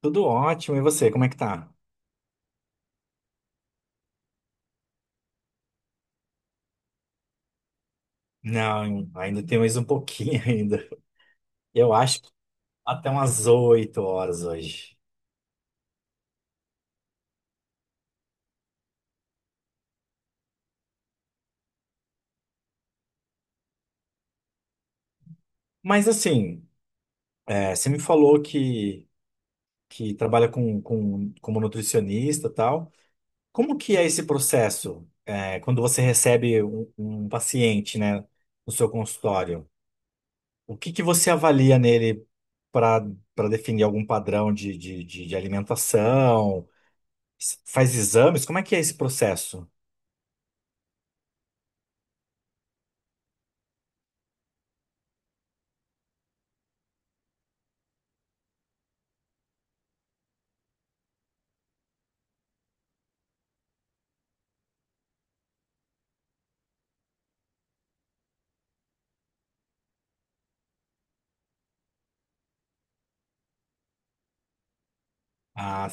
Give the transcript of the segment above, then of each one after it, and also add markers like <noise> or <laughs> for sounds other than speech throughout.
Tudo ótimo, e você, como é que tá? Não, ainda tem mais um pouquinho <laughs> ainda. Eu acho que até umas 8 horas hoje. Mas assim, você me falou que trabalha como nutricionista e tal. Como que é esse processo, quando você recebe um paciente, né, no seu consultório? O que que você avalia nele para para definir algum padrão de alimentação? Faz exames? Como é que é esse processo? Ah,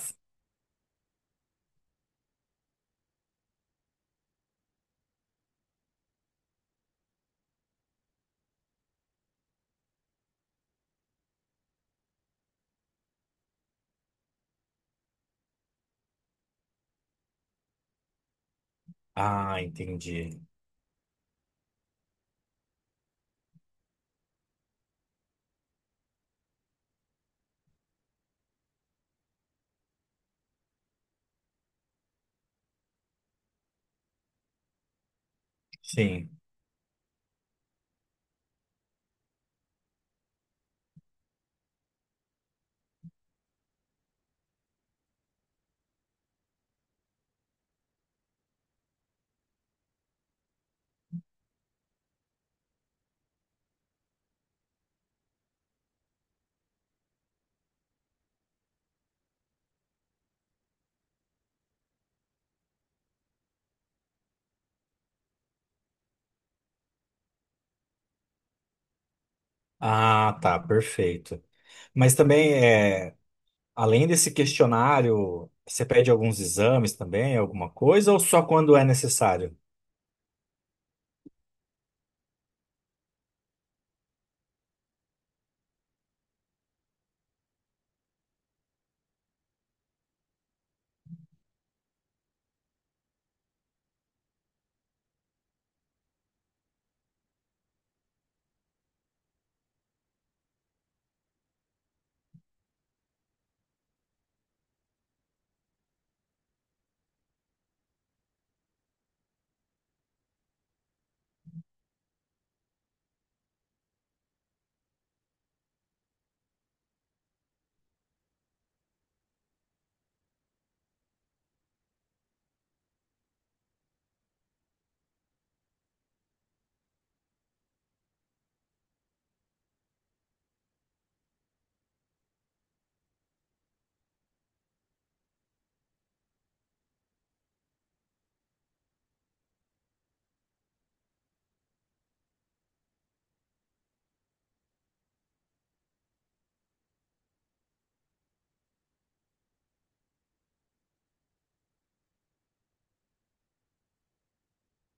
Ah, entendi. Sim. Ah, tá, perfeito. Mas também, além desse questionário, você pede alguns exames também, alguma coisa, ou só quando é necessário?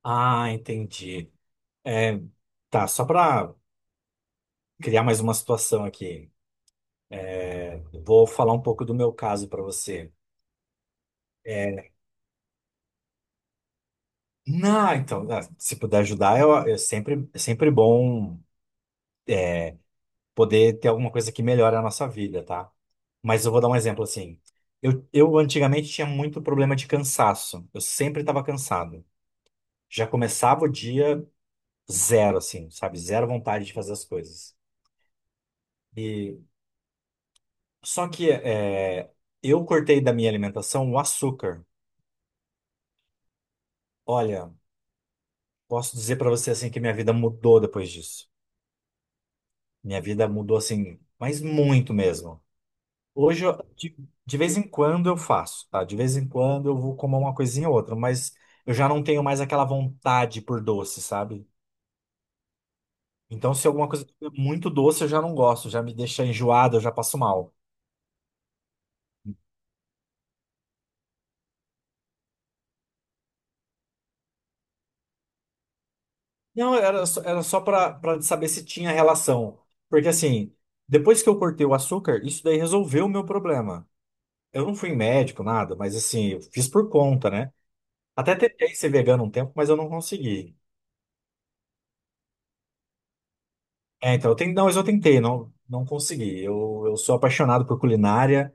Ah, entendi. É, tá, só para criar mais uma situação aqui, vou falar um pouco do meu caso para você. Eh, Não, então, ah, se puder ajudar, é sempre bom. Poder ter alguma coisa que melhore a nossa vida, tá? Mas eu vou dar um exemplo assim. Eu antigamente tinha muito problema de cansaço. Eu sempre estava cansado. Já começava o dia zero, assim, sabe? Zero vontade de fazer as coisas. E só que é, eu cortei da minha alimentação o açúcar. Olha, posso dizer para você assim que minha vida mudou depois disso. Minha vida mudou assim, mas muito mesmo. Hoje, de vez em quando eu faço, tá? De vez em quando eu vou comer uma coisinha ou outra, mas eu já não tenho mais aquela vontade por doce, sabe? Então, se alguma coisa é muito doce, eu já não gosto, já me deixa enjoado, eu já passo mal. Não, era só pra saber se tinha relação. Porque assim, depois que eu cortei o açúcar, isso daí resolveu o meu problema. Eu não fui em médico, nada, mas assim, eu fiz por conta, né? Até tentei ser vegano um tempo, mas eu não consegui. É, então, eu tentei, não, não consegui. Eu sou apaixonado por culinária,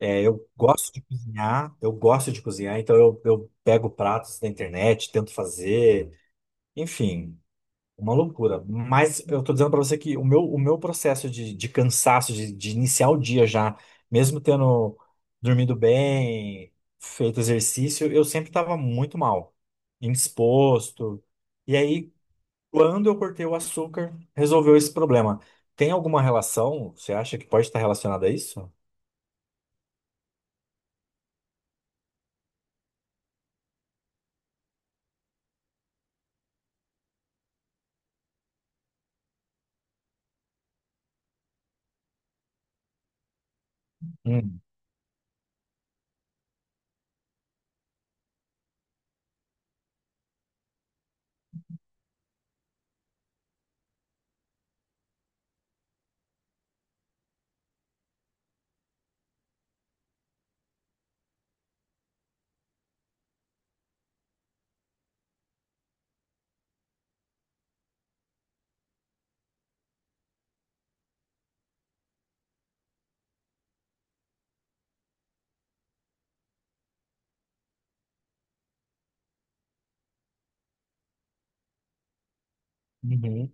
eu gosto de cozinhar, eu gosto de cozinhar, então eu pego pratos da internet, tento fazer, enfim, uma loucura. Mas eu tô dizendo para você que o meu processo de cansaço, de iniciar o dia já, mesmo tendo dormido bem, feito exercício, eu sempre estava muito mal, indisposto. E aí, quando eu cortei o açúcar, resolveu esse problema. Tem alguma relação? Você acha que pode estar relacionada a isso? Hum, uhum.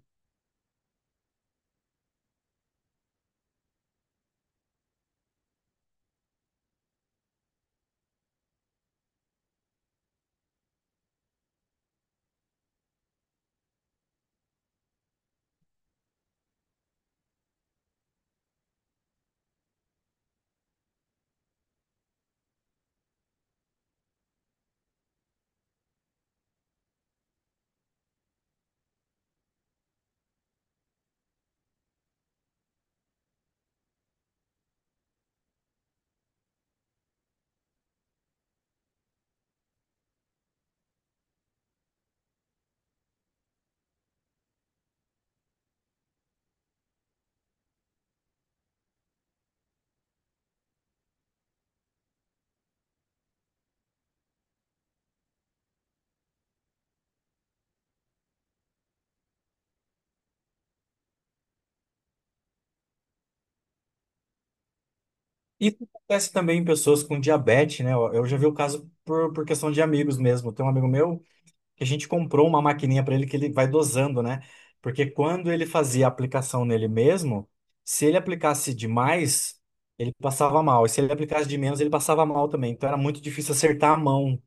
Isso acontece também em pessoas com diabetes, né? Eu já vi o caso por questão de amigos mesmo. Tem um amigo meu que a gente comprou uma maquininha para ele que ele vai dosando, né? Porque quando ele fazia a aplicação nele mesmo, se ele aplicasse demais, ele passava mal. E se ele aplicasse de menos, ele passava mal também. Então era muito difícil acertar a mão.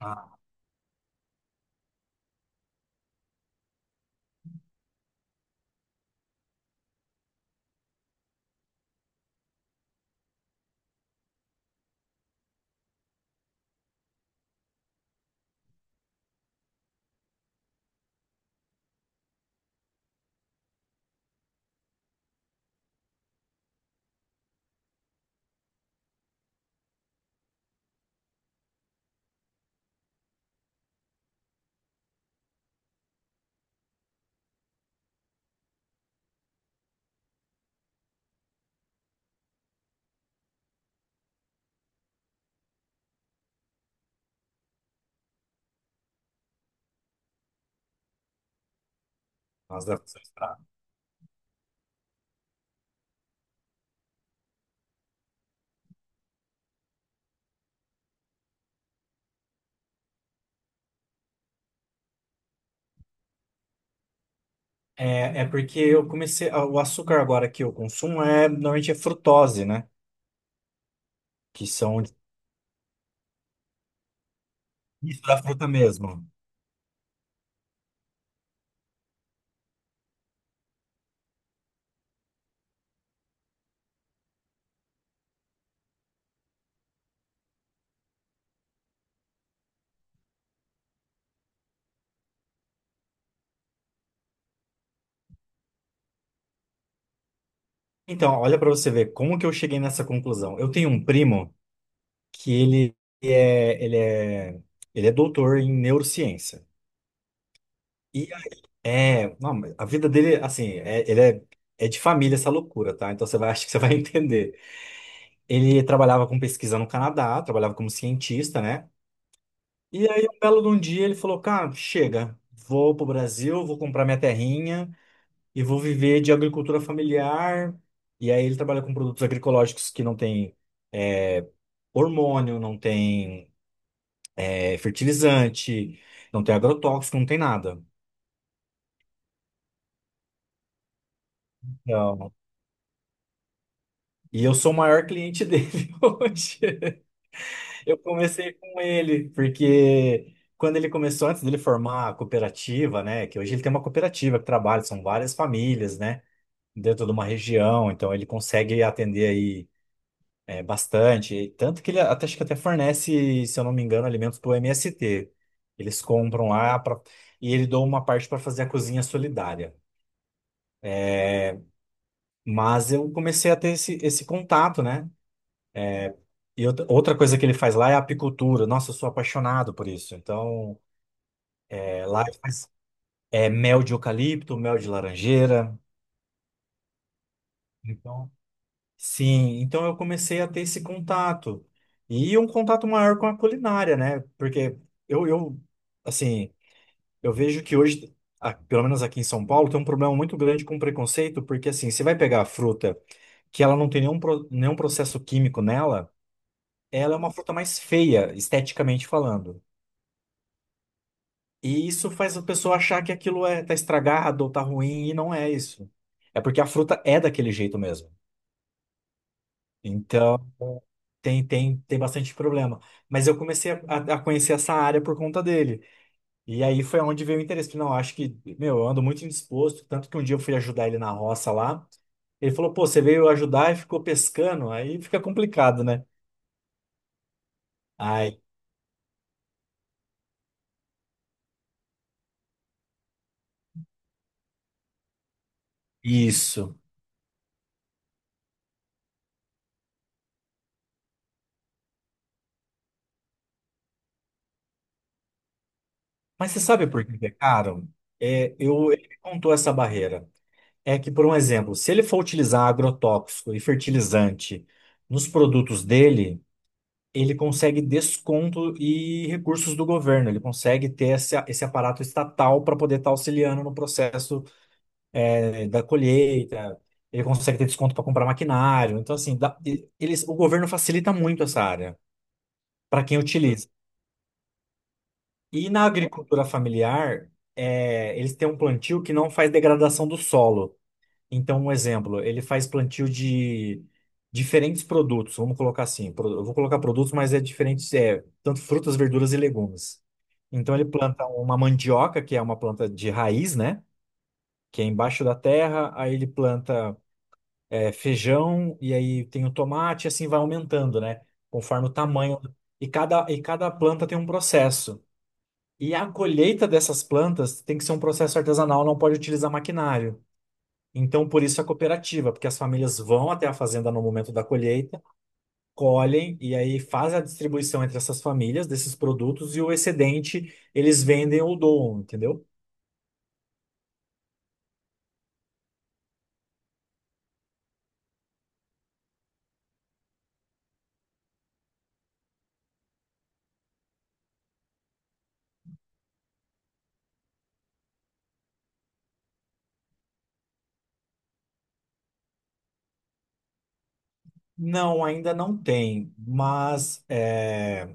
Ah, nossa. É porque eu comecei. O açúcar agora que eu consumo é normalmente é frutose, né? Que são isso da fruta mesmo. Então, olha pra você ver como que eu cheguei nessa conclusão. Eu tenho um primo que é, ele é, ele é doutor em neurociência. E aí, não, mas a vida dele, assim, é de família essa loucura, tá? Então você vai, <laughs> acho que você vai entender. Ele trabalhava com pesquisa no Canadá, trabalhava como cientista, né? E aí, um belo de um dia, ele falou: Cara, chega, vou pro Brasil, vou comprar minha terrinha e vou viver de agricultura familiar. E aí, ele trabalha com produtos agroecológicos que não tem é, hormônio, não tem fertilizante, não tem agrotóxico, não tem nada. Então, e eu sou o maior cliente dele <laughs> hoje. Eu comecei com ele, porque quando ele começou, antes dele formar a cooperativa, né? Que hoje ele tem uma cooperativa que trabalha, são várias famílias, né, dentro de uma região, então ele consegue atender aí, bastante. E tanto que ele até, acho que até fornece, se eu não me engano, alimentos para o MST. Eles compram lá pra, e ele doa uma parte para fazer a cozinha solidária. Mas eu comecei a ter esse contato, né? E outra coisa que ele faz lá é a apicultura. Nossa, eu sou apaixonado por isso. Então, lá ele faz mel de eucalipto, mel de laranjeira. Então, sim, então eu comecei a ter esse contato. E um contato maior com a culinária, né? Porque eu assim, eu vejo que hoje, pelo menos aqui em São Paulo, tem um problema muito grande com preconceito, porque assim, você vai pegar a fruta que ela não tem nenhum processo químico nela, ela é uma fruta mais feia, esteticamente falando. E isso faz a pessoa achar que aquilo tá estragado ou tá ruim, e não é isso. É porque a fruta é daquele jeito mesmo. Então, tem bastante problema. Mas eu comecei a conhecer essa área por conta dele. E aí foi onde veio o interesse. Falei: Não, acho que, meu, eu ando muito indisposto. Tanto que um dia eu fui ajudar ele na roça lá. Ele falou: Pô, você veio ajudar e ficou pescando. Aí fica complicado, né? Ai, isso. Mas você sabe por que que é caro? Ele me contou essa barreira. É que, por um exemplo, se ele for utilizar agrotóxico e fertilizante nos produtos dele, ele consegue desconto e recursos do governo, ele consegue ter esse aparato estatal para poder estar auxiliando no processo da colheita, ele consegue ter desconto para comprar maquinário. Então, assim, eles, o governo facilita muito essa área para quem utiliza. E na agricultura familiar, eles têm um plantio que não faz degradação do solo. Então, um exemplo, ele faz plantio de diferentes produtos, vamos colocar assim, pro- eu vou colocar produtos, mas é diferentes, é, tanto frutas, verduras e legumes. Então ele planta uma mandioca, que é uma planta de raiz, né? Que é embaixo da terra, aí ele planta feijão, e aí tem o tomate, e assim vai aumentando, né? Conforme o tamanho. E cada planta tem um processo. E a colheita dessas plantas tem que ser um processo artesanal, não pode utilizar maquinário. Então, por isso a cooperativa, porque as famílias vão até a fazenda no momento da colheita, colhem e aí fazem a distribuição entre essas famílias desses produtos, e o excedente eles vendem ou doam, entendeu? Não, ainda não tem, mas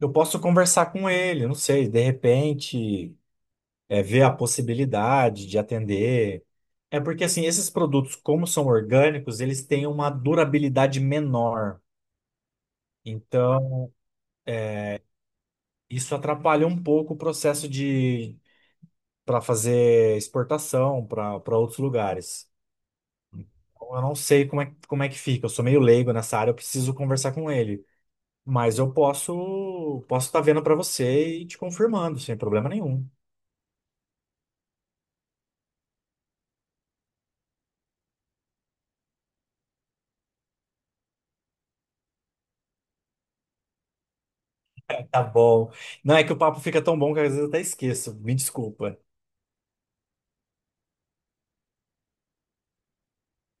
eu posso conversar com ele, não sei, de repente, ver a possibilidade de atender. É porque assim, esses produtos, como são orgânicos, eles têm uma durabilidade menor. Então, isso atrapalha um pouco o processo de para fazer exportação para outros lugares. Então, eu não sei como é que fica, eu sou meio leigo nessa área, eu preciso conversar com ele. Mas eu posso estar vendo para você e te confirmando, sem problema nenhum. Tá bom. Não é que o papo fica tão bom que às vezes eu até esqueço. Me desculpa.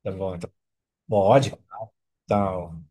Tá bom, então. Pode, então.